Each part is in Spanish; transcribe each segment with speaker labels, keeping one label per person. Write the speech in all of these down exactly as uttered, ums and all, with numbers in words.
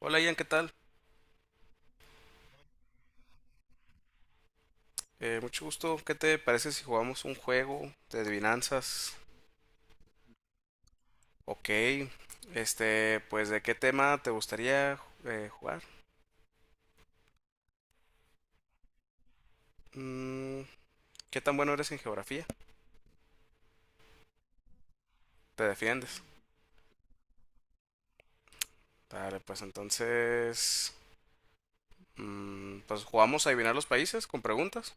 Speaker 1: Hola Ian, ¿qué tal? Eh, mucho gusto. ¿Qué te parece si jugamos un juego de adivinanzas? Ok. Este, pues ¿de qué tema te gustaría eh, jugar? Mm, ¿qué tan bueno eres en geografía? ¿Te defiendes? Vale, pues entonces... mm, pues jugamos a adivinar los países con preguntas.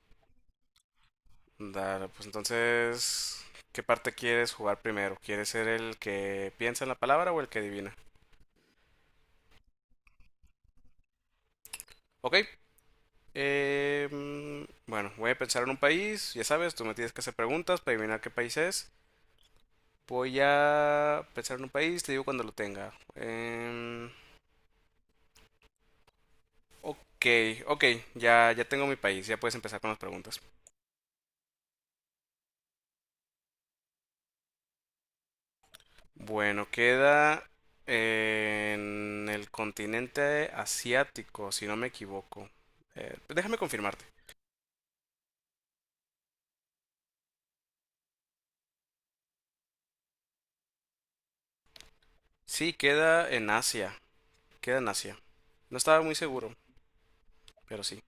Speaker 1: Dale, pues entonces... ¿Qué parte quieres jugar primero? ¿Quieres ser el que piensa en la palabra o el que adivina? Ok. Eh, mm, bueno, voy a pensar en un país, ya sabes, tú me tienes que hacer preguntas para adivinar qué país es. Voy a pensar en un país, te digo cuando lo tenga. Em, ok, ok, ya, ya tengo mi país, ya puedes empezar con las preguntas. Bueno, queda en el continente asiático, si no me equivoco. Eh, déjame confirmarte. Sí, queda en Asia, queda en Asia. No estaba muy seguro, pero sí.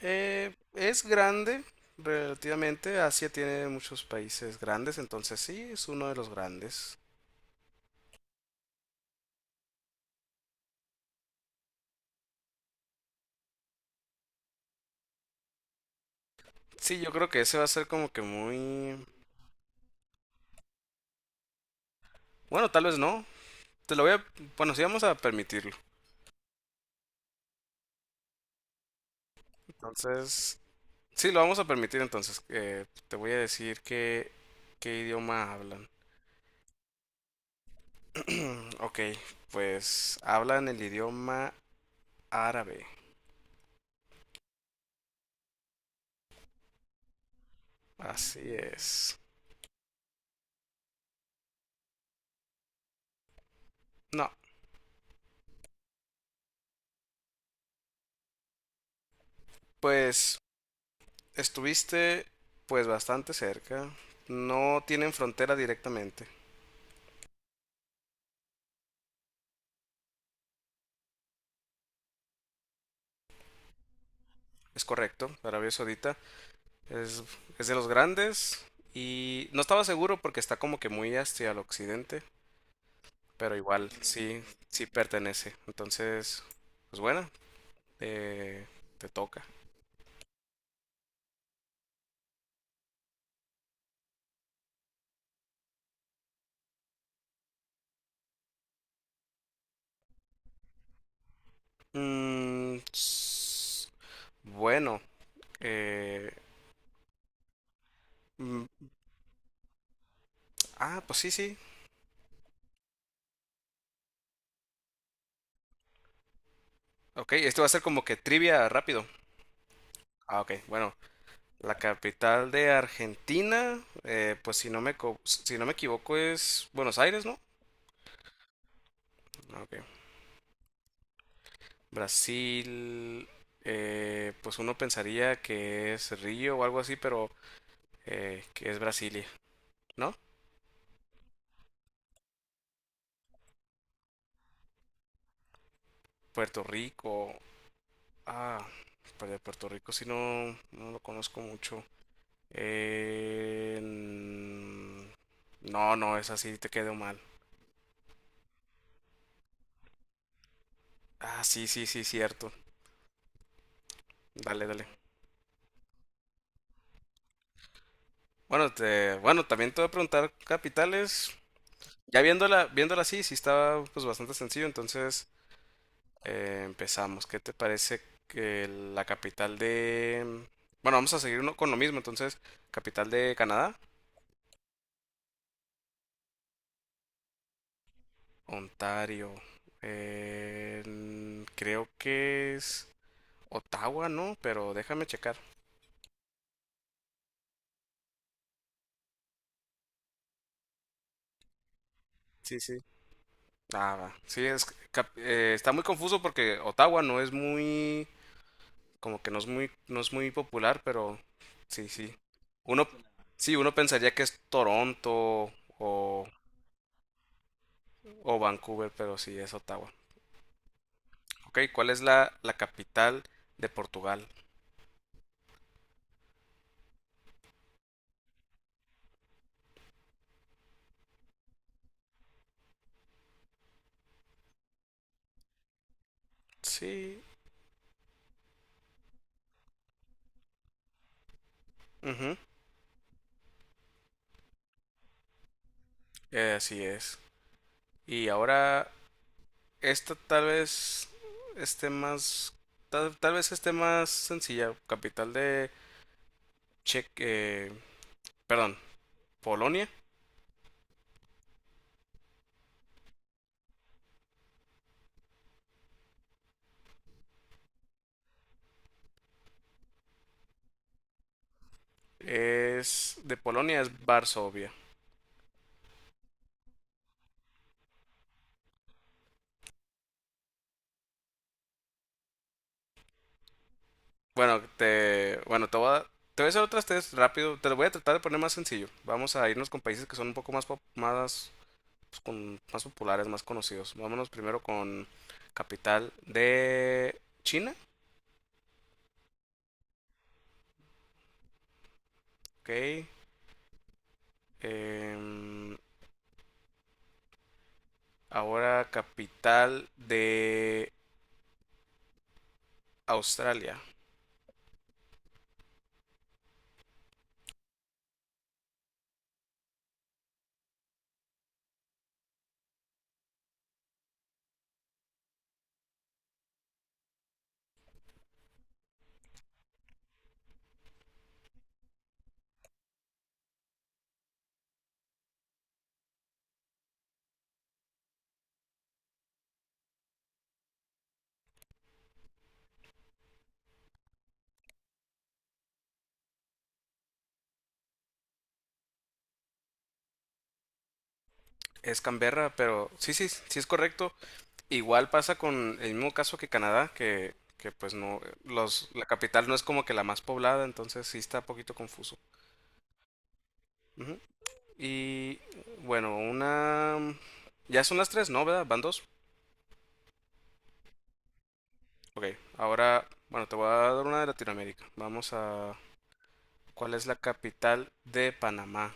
Speaker 1: Eh, es grande relativamente. Asia tiene muchos países grandes, entonces sí, es uno de los grandes. Sí, yo creo que ese va a ser como que muy... Bueno, tal vez no. Te lo voy a... Bueno, sí vamos a permitirlo. Entonces... Sí, lo vamos a permitir entonces. Eh, te voy a decir que... ¿Qué idioma hablan? Ok, pues hablan el idioma árabe. Así es. No, pues Estuviste pues bastante cerca. No tienen frontera directamente. Es correcto, Arabia Saudita es, es de los grandes y no estaba seguro porque está como que muy hacia el occidente, pero igual sí, sí pertenece. Entonces, pues bueno, eh, te toca. Mm, s- bueno, eh, mm, ah, pues sí, sí. Ok, esto va a ser como que trivia rápido. Ah, ok, bueno. La capital de Argentina, eh, pues si no me, co- si no me equivoco es Buenos Aires, ¿no? Ah, ok. Brasil, eh, pues uno pensaría que es Río o algo así, pero eh, que es Brasilia, ¿no? Puerto Rico, ah, pues de Puerto Rico si no, no lo conozco mucho. Eh, mm, no, no, es así, te quedó mal. Ah, sí, sí, sí, cierto. Dale, dale. Bueno, te, bueno, también te voy a preguntar capitales. Ya viéndola, viéndola así, sí estaba pues bastante sencillo, entonces eh, empezamos. ¿Qué te parece que la capital de... Bueno, vamos a seguir uno- con lo mismo, entonces, capital de Canadá, Ontario. Eh, mm, creo que es Ottawa, ¿no? Pero déjame checar. Sí, sí. Ah, va. Sí, es, cap- eh, está muy confuso porque Ottawa no es muy... como que no es muy, no es muy popular, pero sí, sí. Uno, sí, uno pensaría que es Toronto o, o Vancouver, pero sí, es Ottawa. Ok, ¿cuál es la, la capital de Portugal? Sí, ujú, eh, así es. Y ahora, esta tal vez esté más, tal, tal vez esté más sencilla. Capital de Che, eh, perdón, Polonia. Es, de Polonia es Varsovia. Bueno, te, bueno, te voy a, te voy a hacer otras test rápido. Te lo voy a tratar de poner más sencillo. Vamos a irnos con países que son un poco más, pop- más, pues, con, más populares, más conocidos. Vámonos primero con capital de China. Ok. Em, Ahora capital de Australia. Es Canberra, pero sí, sí, sí es correcto. Igual pasa con el mismo caso que Canadá, que, que pues no, los, la capital no es como que la más poblada, entonces sí está un poquito confuso. Ujú. Y bueno, una... Ya son las tres, ¿no? ¿Verdad? ¿Van dos? Ok, ahora, bueno, te voy a dar una de Latinoamérica. Vamos a... ¿Cuál es la capital de Panamá?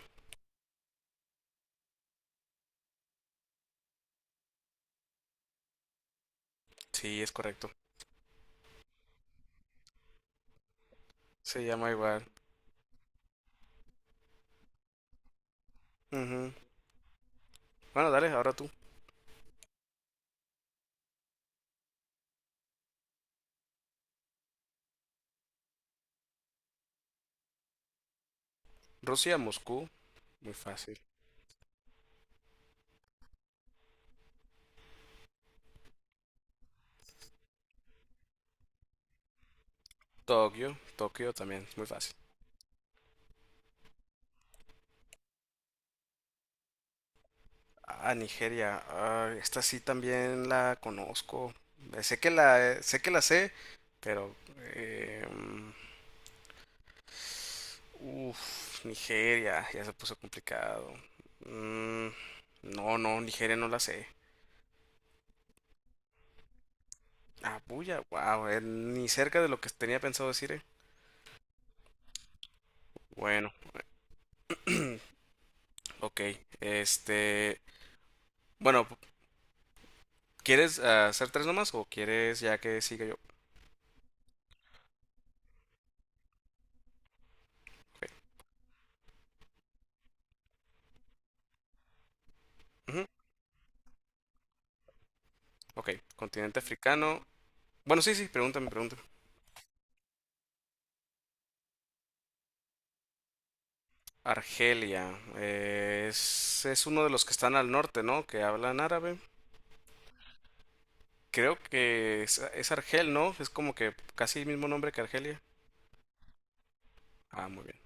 Speaker 1: Sí, es correcto. Se llama igual. Ujú. Bueno, dale, ahora tú. Rusia, Moscú, muy fácil. Tokio, Tokio también, muy fácil. Ah, Nigeria. Ah, esta sí también la conozco. Eh, Sé que la, sé que la sé, pero... em, uf, Nigeria, ya se puso complicado. Mm, no, no, Nigeria no la sé. Abuya, wow, ni cerca de lo que tenía pensado decir, eh. Bueno, ok. Este, bueno, ¿quieres ah, hacer tres nomás o quieres ya que siga yo? Ok, ujú, ok, continente africano. Bueno, sí, sí, pregúntame, pregúntame. Argelia, eh, es, es uno de los que están al norte, ¿no? Que hablan árabe. Creo que es, es Argel, ¿no? Es como que casi el mismo nombre que Argelia. Ah, muy bien.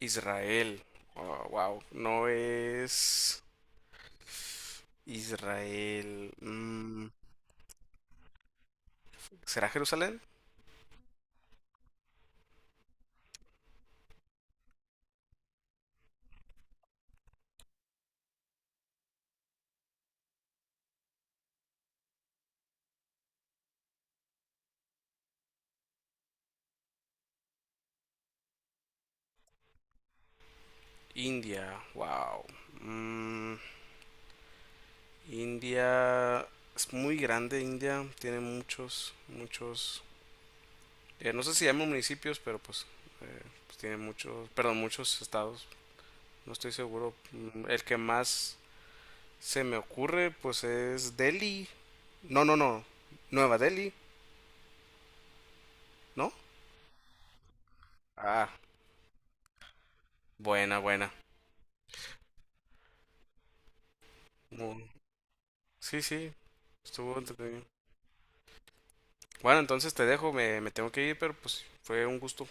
Speaker 1: Israel. Wow. No es. Israel. mm, ¿será Jerusalén? India. Wow. Mm, India. Es muy grande India. Tiene muchos, muchos. Eh, no sé si llaman municipios, pero pues, eh, pues tiene muchos. Perdón, muchos estados. No estoy seguro. Mm, el que más se me ocurre, pues es Delhi. No, no, no. Nueva Delhi, ¿no? Ah, buena, buena. Mu- Sí, sí, estuvo entretenido. Bueno, entonces te dejo, me, me tengo que ir, pero pues fue un gusto.